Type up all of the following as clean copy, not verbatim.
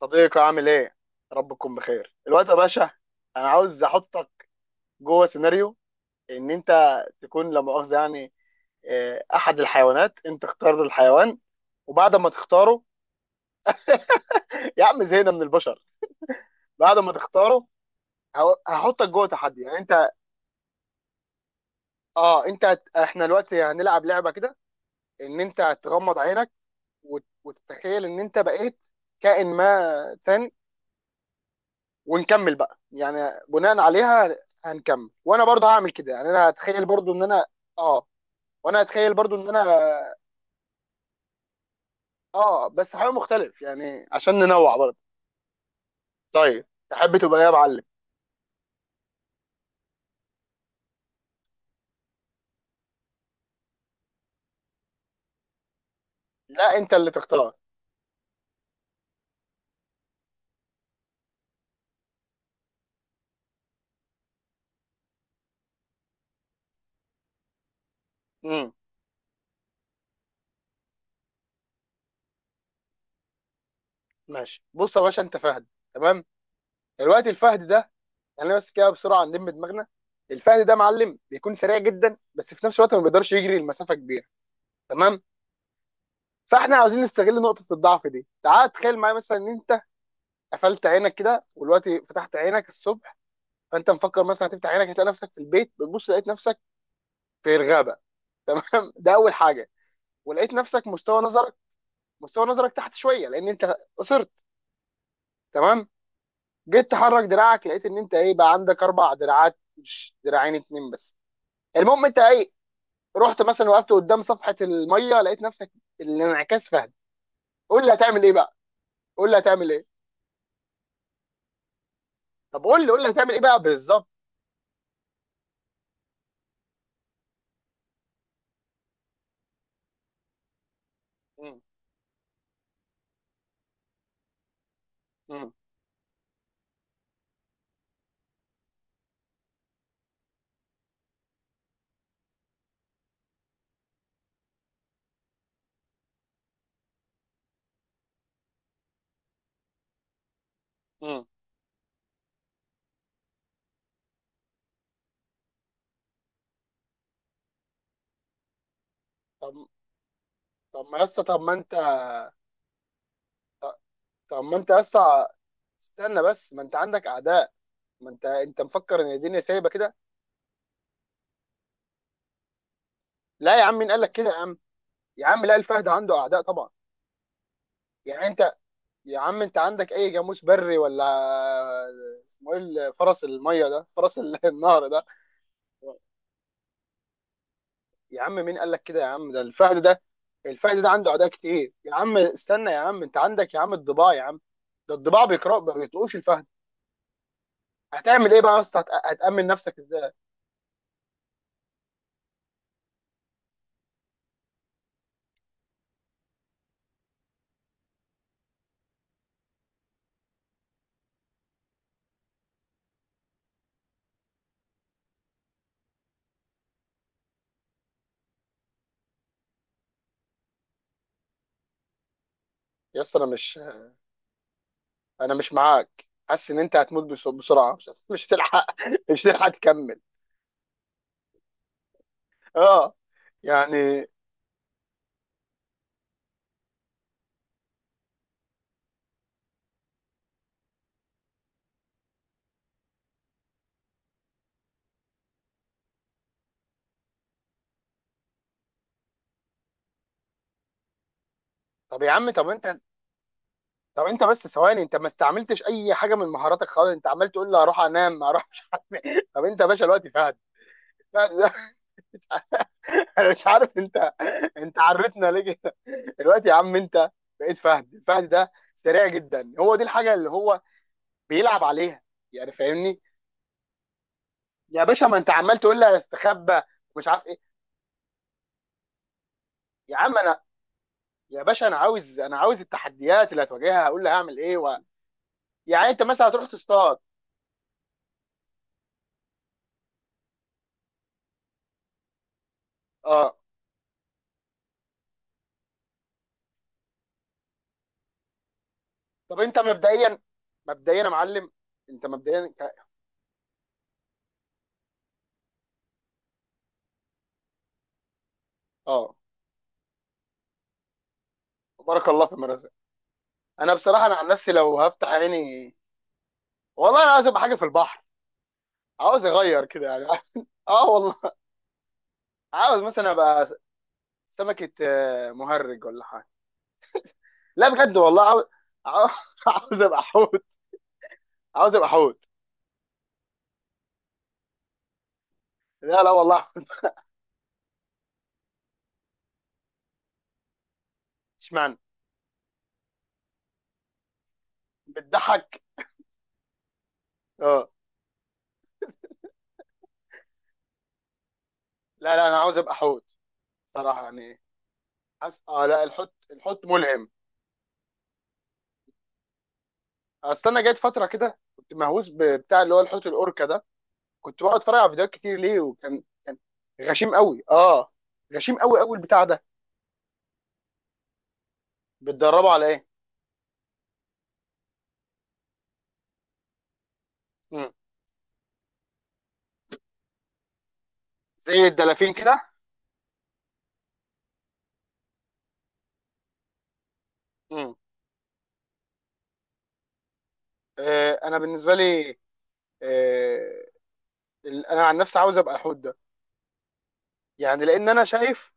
صديقي عامل ايه؟ رب تكون بخير. الوقت يا باشا، انا عاوز احطك جوه سيناريو، ان انت تكون لا مؤاخذه يعني احد الحيوانات. انت اختار الحيوان، وبعد ما تختاره. يا عم زهقنا من البشر. بعد ما تختاره، هحطك جوه تحدي، يعني انت. اه، احنا دلوقتي هنلعب لعبه كده. ان انت هتغمض عينك، وتتخيل ان انت بقيت كائن ما تاني، ونكمل بقى يعني بناء عليها. هنكمل وانا برضه هعمل كده، يعني انا هتخيل برضه ان انا، اه، وانا هتخيل برضه ان انا. اه، بس حاجه مختلف يعني عشان ننوع برضه. طيب، تحب تبقى ايه يا معلم؟ لا، انت اللي تختار. امم ماشي. بص يا باشا، انت فهد. تمام، دلوقتي الفهد ده، يعني بس كده بسرعه نلم دماغنا. الفهد ده، معلم، بيكون سريع جدا، بس في نفس الوقت ما بيقدرش يجري المسافه كبيره. تمام، فاحنا عاوزين نستغل نقطه الضعف دي. تعال تخيل معايا مثلا، ان انت قفلت عينك كده، ودلوقتي فتحت عينك الصبح. فانت مفكر مثلا هتفتح عينك هتلاقي نفسك في البيت، بتبص لقيت نفسك في الغابه. تمام؟ ده اول حاجه. ولقيت نفسك مستوى نظرك تحت شويه، لان انت قصرت. تمام، جيت تحرك دراعك، لقيت ان انت ايه بقى، عندك 4 دراعات، مش دراعين اتنين بس. المهم انت ايه، رحت مثلا وقفت قدام صفحه الميه، لقيت نفسك الانعكاس فهد. قول لي هتعمل ايه بقى؟ قول لي هتعمل ايه. طب قول لي هتعمل ايه بقى بالظبط. مم. مم. مم. طب طب ما انت اسطى، استنى بس، ما انت عندك اعداء. ما انت مفكر ان الدنيا سايبه كده. لا يا عم، مين قال لك كده يا عم؟ يا عم لا، الفهد عنده اعداء طبعا. يعني انت، يا عم انت عندك اي جاموس بري، ولا اسمه ايه فرس الميه ده، فرس النهر ده. يا عم مين قال لك كده يا عم؟ ده الفهد ده، الفهد ده عنده اعداء كتير يا عم. استنى يا عم، انت عندك يا عم الضباع يا عم. ده الضباع بيقرأ ما بيطقوش الفهد. هتعمل ايه بقى يا اسطى؟ هتأمن نفسك ازاي؟ يا اسطى، انا مش معاك، حاسس ان انت هتموت بسرعه، مش هتلحق. مش هتلحق تكمل. اه، يعني. طب يا عم طب انت طب انت بس ثواني، انت ما استعملتش اي حاجه من مهاراتك خالص. انت عمال تقول لي هروح انام، هروح مش عارف إيه. طب انت يا باشا الوقت فهد. انا مش عارف انت عرفتنا ليه كده. الوقت يا عم، انت بقيت فهد. الفهد ده سريع جدا، هو دي الحاجه اللي هو بيلعب عليها، يعني فاهمني. يا باشا، ما انت عمال تقول لي هستخبى، ومش عارف ايه. يا عم انا، يا باشا، انا عاوز التحديات اللي هتواجهها هقول لها هعمل ايه يعني انت مثلا هتروح تصطاد. اه، طب انت مبدئيا، يا معلم، انت مبدئيا ك... اه. بارك الله في المرزق. انا بصراحه، انا عن نفسي، لو هفتح عيني، والله انا عاوز ابقى حاجه في البحر، عاوز اغير كده يعني. اه والله. عاوز مثلا ابقى سمكه مهرج ولا حاجه. لا بجد والله، عاوز، عاوز عاوز ابقى حوت عاوز ابقى حوت. لا لا والله. اشمعنى؟ بتضحك؟ اه لا لا، انا عاوز ابقى حوت صراحه يعني. اه لا، الحوت ملهم. اصل انا جات فتره كده كنت مهووس بتاع اللي هو الحوت الاوركا ده، كنت بقعد اتفرج على فيديوهات كتير ليه، وكان غشيم قوي، اه، غشيم قوي قوي البتاع ده. بتدربه على ايه؟ مم. زي الدلافين كده. مم. انا بالنسبه لي، آه انا عن نفسي عاوز ابقى حوت ده، يعني لان انا شايف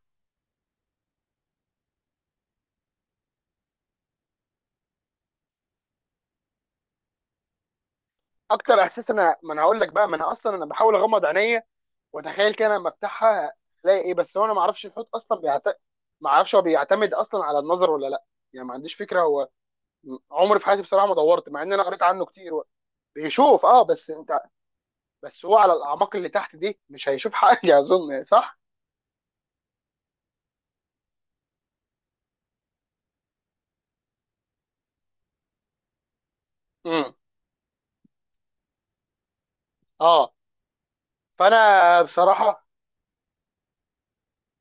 اكتر احساس. انا ما انا هقول لك بقى، ما انا اصلا انا بحاول اغمض عينيا وتخيل كده لما افتحها الاقي ايه. بس هو، انا ما اعرفش الحوت اصلا بيعتمد، ما اعرفش هو بيعتمد اصلا على النظر ولا لا، يعني ما عنديش فكره هو، عمري في حياتي بصراحه ما دورت، مع ان انا قريت عنه كتير. هو بيشوف، اه، بس انت، بس هو على الاعماق اللي تحت دي مش هيشوف حاجه. اظن صح؟ امم اه. فانا بصراحه،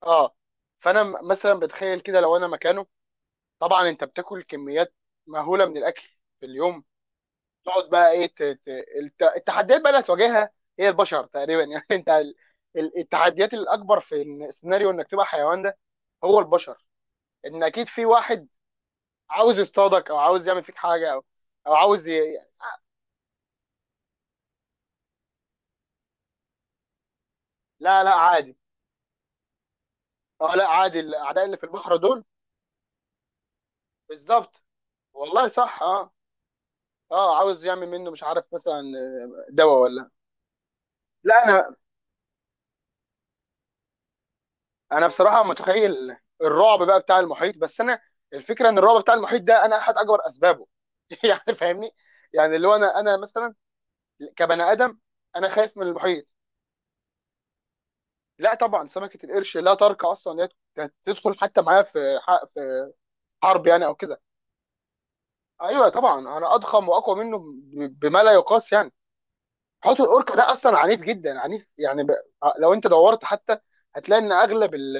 اه، فانا مثلا بتخيل كده لو انا مكانه. طبعا انت بتاكل كميات مهوله من الاكل في اليوم، تقعد بقى ايه، التحديات بقى اللي هتواجهها هي البشر تقريبا يعني. انت التحديات الاكبر في السيناريو انك تبقى حيوان ده، هو البشر. ان اكيد في واحد عاوز يصطادك، او عاوز يعمل فيك حاجه، او عاوز لا لا عادي. اه، لا عادي، الاعداء اللي في البحر دول. بالظبط، والله صح، اه اه، عاوز يعمل منه مش عارف مثلا دواء ولا. لا، انا بصراحه متخيل الرعب بقى بتاع المحيط. بس انا الفكره ان الرعب بتاع المحيط ده، انا احد اكبر اسبابه. يعني فاهمني. يعني اللي هو انا مثلا كبني ادم، انا خايف من المحيط. لا طبعا سمكه القرش، لا ترك اصلا إن هي كانت تدخل حتى معايا في حرب يعني او كده. ايوه طبعا، انا اضخم واقوى منه، بما لا يقاس يعني. حوت الاوركا ده اصلا عنيف جدا، عنيف يعني لو انت دورت حتى هتلاقي ان اغلب ال...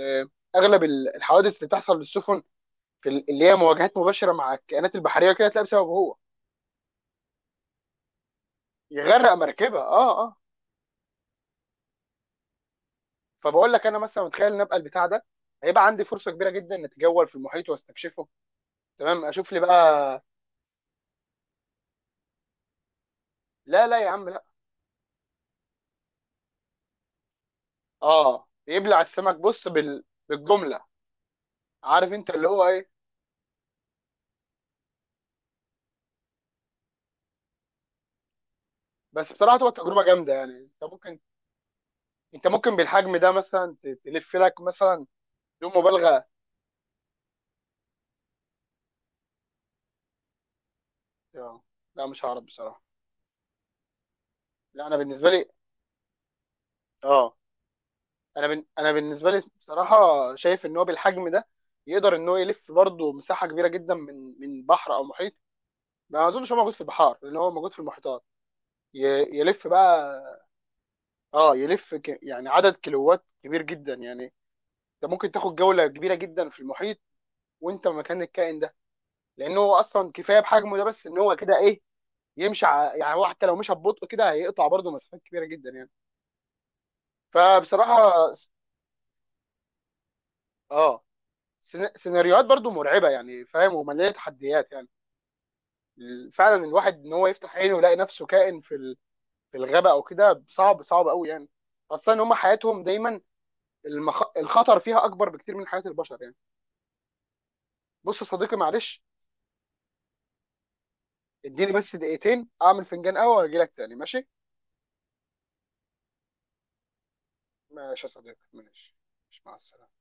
اغلب ال- الحوادث اللي بتحصل للسفن، اللي هي مواجهات مباشره مع الكائنات البحريه كده، تلاقي بسببه هو. يغرق مركبه، اه اه. فبقول لك انا مثلا متخيل ان ابقى البتاع ده، هيبقى عندي فرصه كبيره جدا ان اتجول في المحيط واستكشفه. تمام، اشوف لي بقى. لا لا يا عم لا. اه، يبلع السمك، بص بالجمله. عارف انت اللي هو ايه؟ بس بصراحه تبقى تجربه جامده يعني. انت ممكن، بالحجم ده مثلا تلف لك مثلا. بدون مبالغه. آه. لا مش هعرف بصراحه. لا انا بالنسبه لي، اه، انا بالنسبه لي بصراحه شايف ان هو بالحجم ده، يقدر ان هو يلف برضه مساحه كبيره جدا من بحر او محيط. ما اظنش هو موجود في البحار، لان هو موجود في المحيطات. ي... يلف بقى. اه يلف يعني عدد كيلوات كبير جدا يعني. انت ممكن تاخد جوله كبيره جدا في المحيط وانت مكان الكائن ده، لان هو اصلا كفايه بحجمه ده، بس ان هو كده ايه، يمشي يعني هو حتى لو مشى ببطء كده هيقطع برضه مسافات كبيره جدا يعني. فبصراحه، اه، سيناريوهات برضه مرعبه يعني، فاهم، ومليانه تحديات يعني. فعلا الواحد ان هو يفتح عينه ويلاقي نفسه كائن في الغابه او كده، صعب صعب قوي يعني. خاصه ان هم حياتهم دايما الخطر فيها اكبر بكتير من حياه البشر يعني. بص يا صديقي، معلش، اديني بس دقيقتين اعمل فنجان قهوه واجي لك تاني، ماشي؟ ماشي يا صديقي، ماشي. ماشي، مع السلامه.